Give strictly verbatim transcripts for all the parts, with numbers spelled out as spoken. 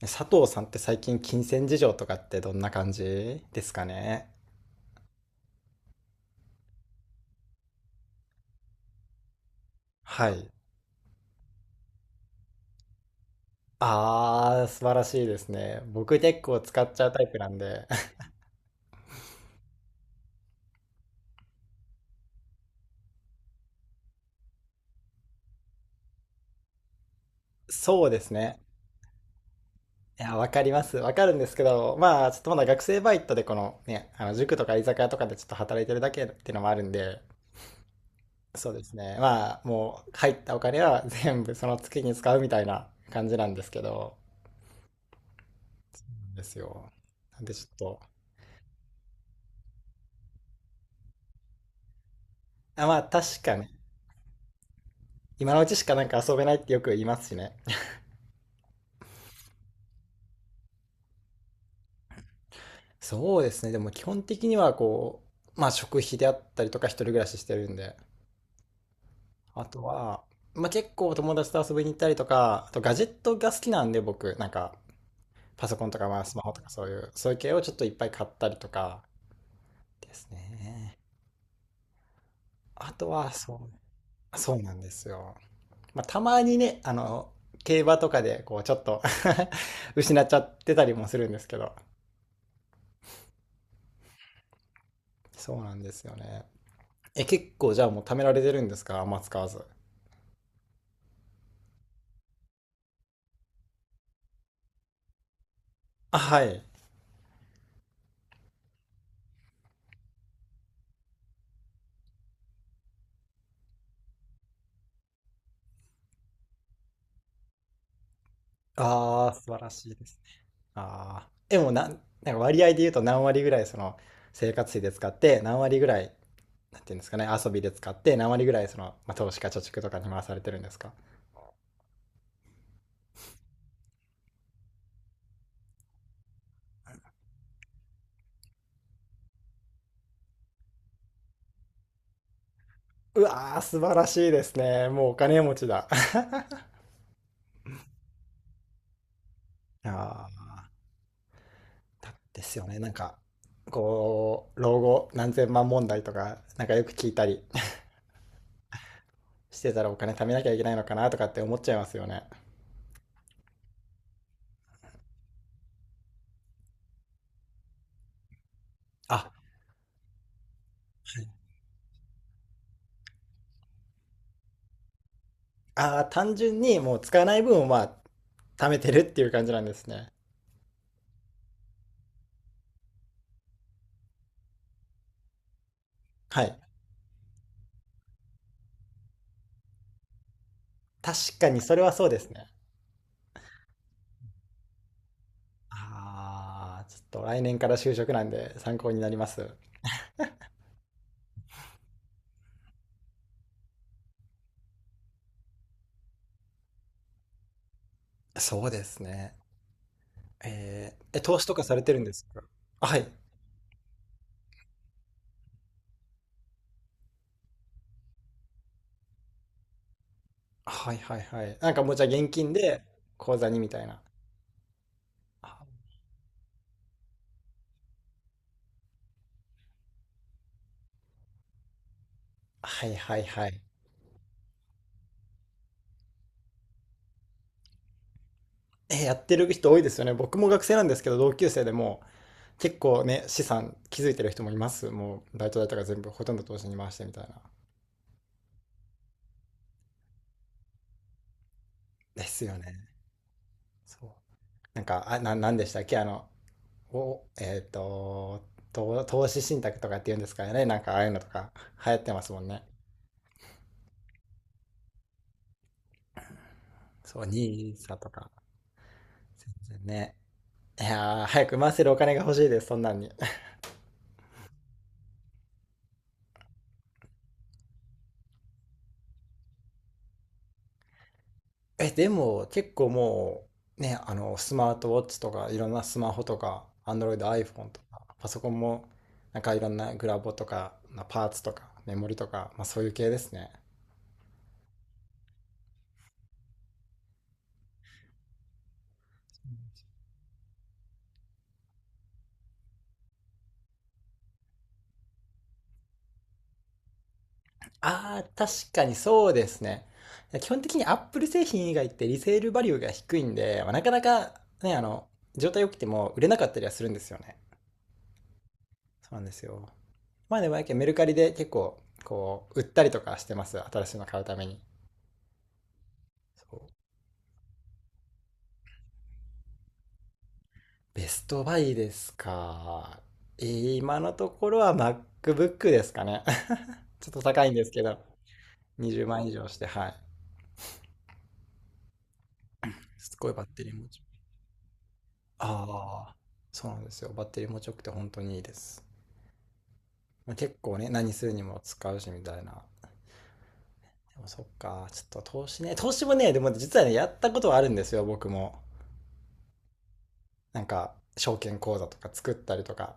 佐藤さんって最近金銭事情とかってどんな感じですかね？はい。ああ、素晴らしいですね。僕結構使っちゃうタイプなんで。そうですね。いや、わかります。わかるんですけど、まあ、ちょっとまだ学生バイトでこのね、あの塾とか居酒屋とかでちょっと働いてるだけっていうのもあるんで、そうですね。まあ、もう入ったお金は 全部その月に使うみたいな感じなんですけど、ですよ。なんでちょっと、あ、まあ確かに、今のうちしかなんか遊べないってよく言いますしね。そうですね。でも基本的にはこう、まあ食費であったりとか一人暮らししてるんで。あとは、まあ結構友達と遊びに行ったりとか、あとガジェットが好きなんで僕、なんかパソコンとかまあスマホとかそういう、そういう系をちょっといっぱい買ったりとかですね。あとは、そう、そうなんですよ。まあたまにね、あの、競馬とかでこうちょっと 失っちゃってたりもするんですけど。そうなんですよね。え、結構じゃあもう貯められてるんですか？あんま使わず。あ、はい。ああ、素晴らしいですね。ああ。でもな、なんか割合で言うと何割ぐらいその生活費で使って、何割ぐらい、なんていうんですかね、遊びで使って、何割ぐらいその、まあ、投資か貯蓄とかに回されてるんですか？うわー、素晴らしいですね。もうお金持ちだ。あーだですよね。なんか、こう、老後何千万問題とか、なんかよく聞いたり してたらお金貯めなきゃいけないのかなとかって思っちゃいますよね。あ、あー、単純にもう使わない分をまあ、貯めてるっていう感じなんですね。はい。確かにそれはそうですね。ああ、ちょっと来年から就職なんで参考になります。そうですね。えー、え、投資とかされてるんですか？はい。はいはいはい。なんかもうじゃあ現金で口座にみたいな。あ、はいはいはい。えー、やってる人多いですよね。僕も学生なんですけど、同級生でも結構ね、資産築いてる人もいます。もうバイト代とか全部ほとんど投資に回してみたいな。ですよね。そう。なんか、あ、な、なんでしたっけあの、を、えっ、と投、と投資信託とかって言うんですからね。なんかああいうのとか流行ってますもんね。そう、ニーサとか。全然ね。いやー、早く回せるお金が欲しいです、そんなんに。え、でも結構もう、ね、あの、スマートウォッチとか、いろんなスマホとか、Android、iPhone とか、パソコンも、なんかいろんなグラボとか、パーツとか、メモリとか、まあそういう系ですね。ああ、確かにそうですね。基本的に Apple 製品以外ってリセールバリューが低いんで、まあなかなかね、あの、状態良くても売れなかったりはするんですよね。そうなんですよ。まあでもやけんメルカリで結構、こう、売ったりとかしてます。新しいの買うために。そう、ベストバイですか？えー、今のところは MacBook ですかね。ちょっと高いんですけど、にじゅうまん以上して、はい。すごいバッテリー持ち。ああ、そうなんですよ。バッテリー持ちよくて本当にいいです。まあ、結構ね、何するにも使うしみたいな。でもそっか、ちょっと投資ね、投資もね、でもね実はね、やったことはあるんですよ、僕も。なんか、証券口座とか作ったりとか、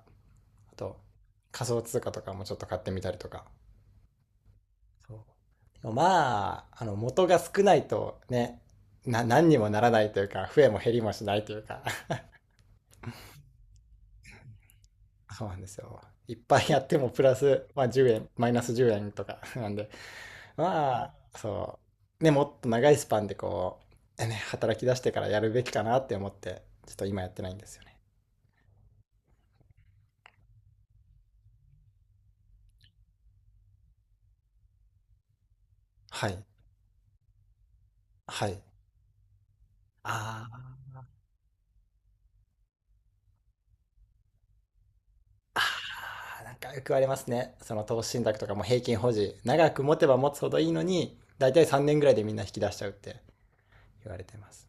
あと、仮想通貨とかもちょっと買ってみたりとか。そう、でもまあ、あの、元が少ないとね、な、何にもならないというか、増えも減りもしないというか、そうなんですよ。いっぱいやってもプラス、まあ、じゅうえん、マイナスじゅうえんとか なんで、まあ、そう。ね、もっと長いスパンでこう、ね、働き出してからやるべきかなって思って、ちょっと今やってないんですよね。はい。はい。ああ、ああ、なんかよく言われますね。その投資信託とかも平均保持。長く持てば持つほどいいのに、だいたいさんねんぐらいでみんな引き出しちゃうって言われてます。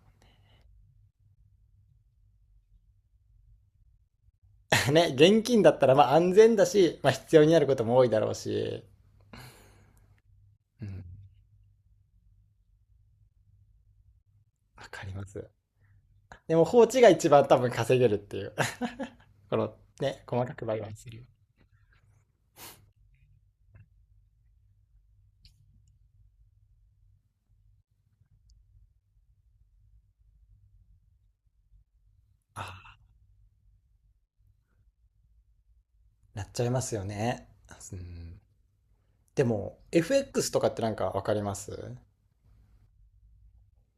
ね、現金だったらまあ安全だし、まあ必要になることも多いだろうし、うん、わかります。でも放置が一番多分稼げるっていう。このね、細かくバイバイ。あ、なっちゃいますよね。うん、でも、エフエックス とかってなんかわかります？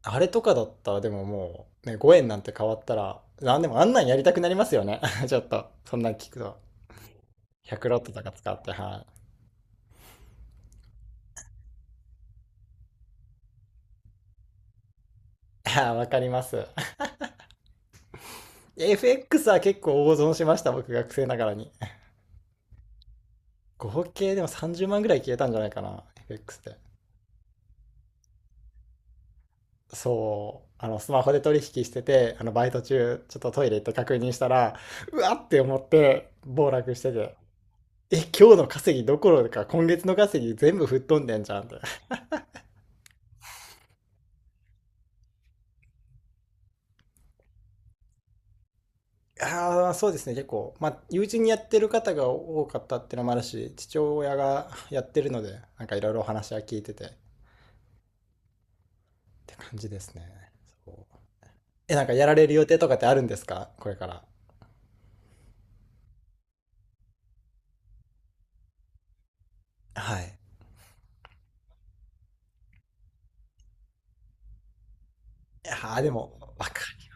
あれとかだったらでももう、ね、ごえんなんて変わったら、なんでもあんなんやりたくなりますよね ちょっと、そんなん聞くと。ひゃくロットとか使って、はい。ああ、わかります エフエックス は結構大損しました、僕学生ながらに。合計でもさんじゅうまんぐらい消えたんじゃないかな、エフエックス で。そう、あの、スマホで取引してて、あの、バイト中、ちょっとトイレ行って確認したら、うわって思って、暴落してて、え、今日の稼ぎどころか、今月の稼ぎ全部吹っ飛んでんじゃんって。ああ、そうですね、結構。まあ、友人にやってる方が多かったってのもあるし、父親がやってるので、なんかいろいろお話は聞いてて、って感じですね。そう、え、なんかやられる予定とかってあるんですかこれから？はい。いやーでも、わかる。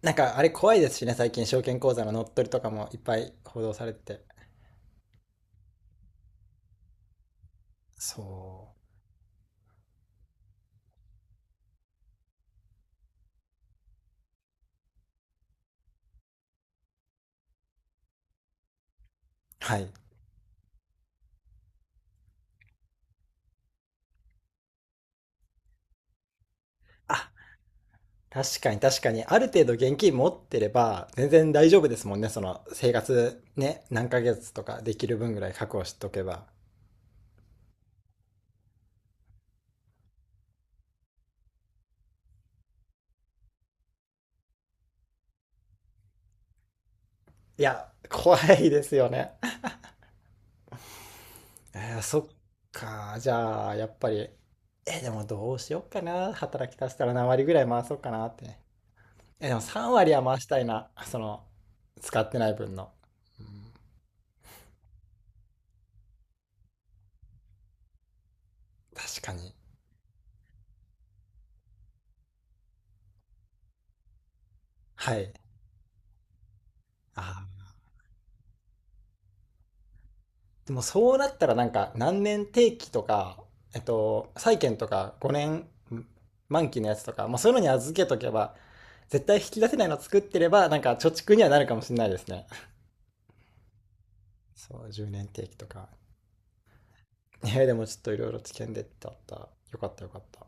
なんかあれ怖いですしね、最近証券口座の乗っ取りとかもいっぱい報道されてて。そう。はい。あ、確かに確かに、ある程度現金持ってれば、全然大丈夫ですもんね、その生活ね、何ヶ月とかできる分ぐらい確保しとけば。いや、怖いですよね。えー、そっか、じゃあ、やっぱり、え、でもどうしよっかな、働き出したら何割ぐらい回そうかなってね。え、でもさん割は回したいな、その、使ってない分の。うん、確かに。はい。あ、でもそうなったらなんか何年定期とか、えっと、債券とかごねん満期のやつとか、まあ、そういうのに預けとけば、絶対引き出せないの作ってれば、なんか貯蓄にはなるかもしれないですね。そう、じゅうねん定期とか。いや、でもちょっといろいろ知見でってあった。よかったよかった。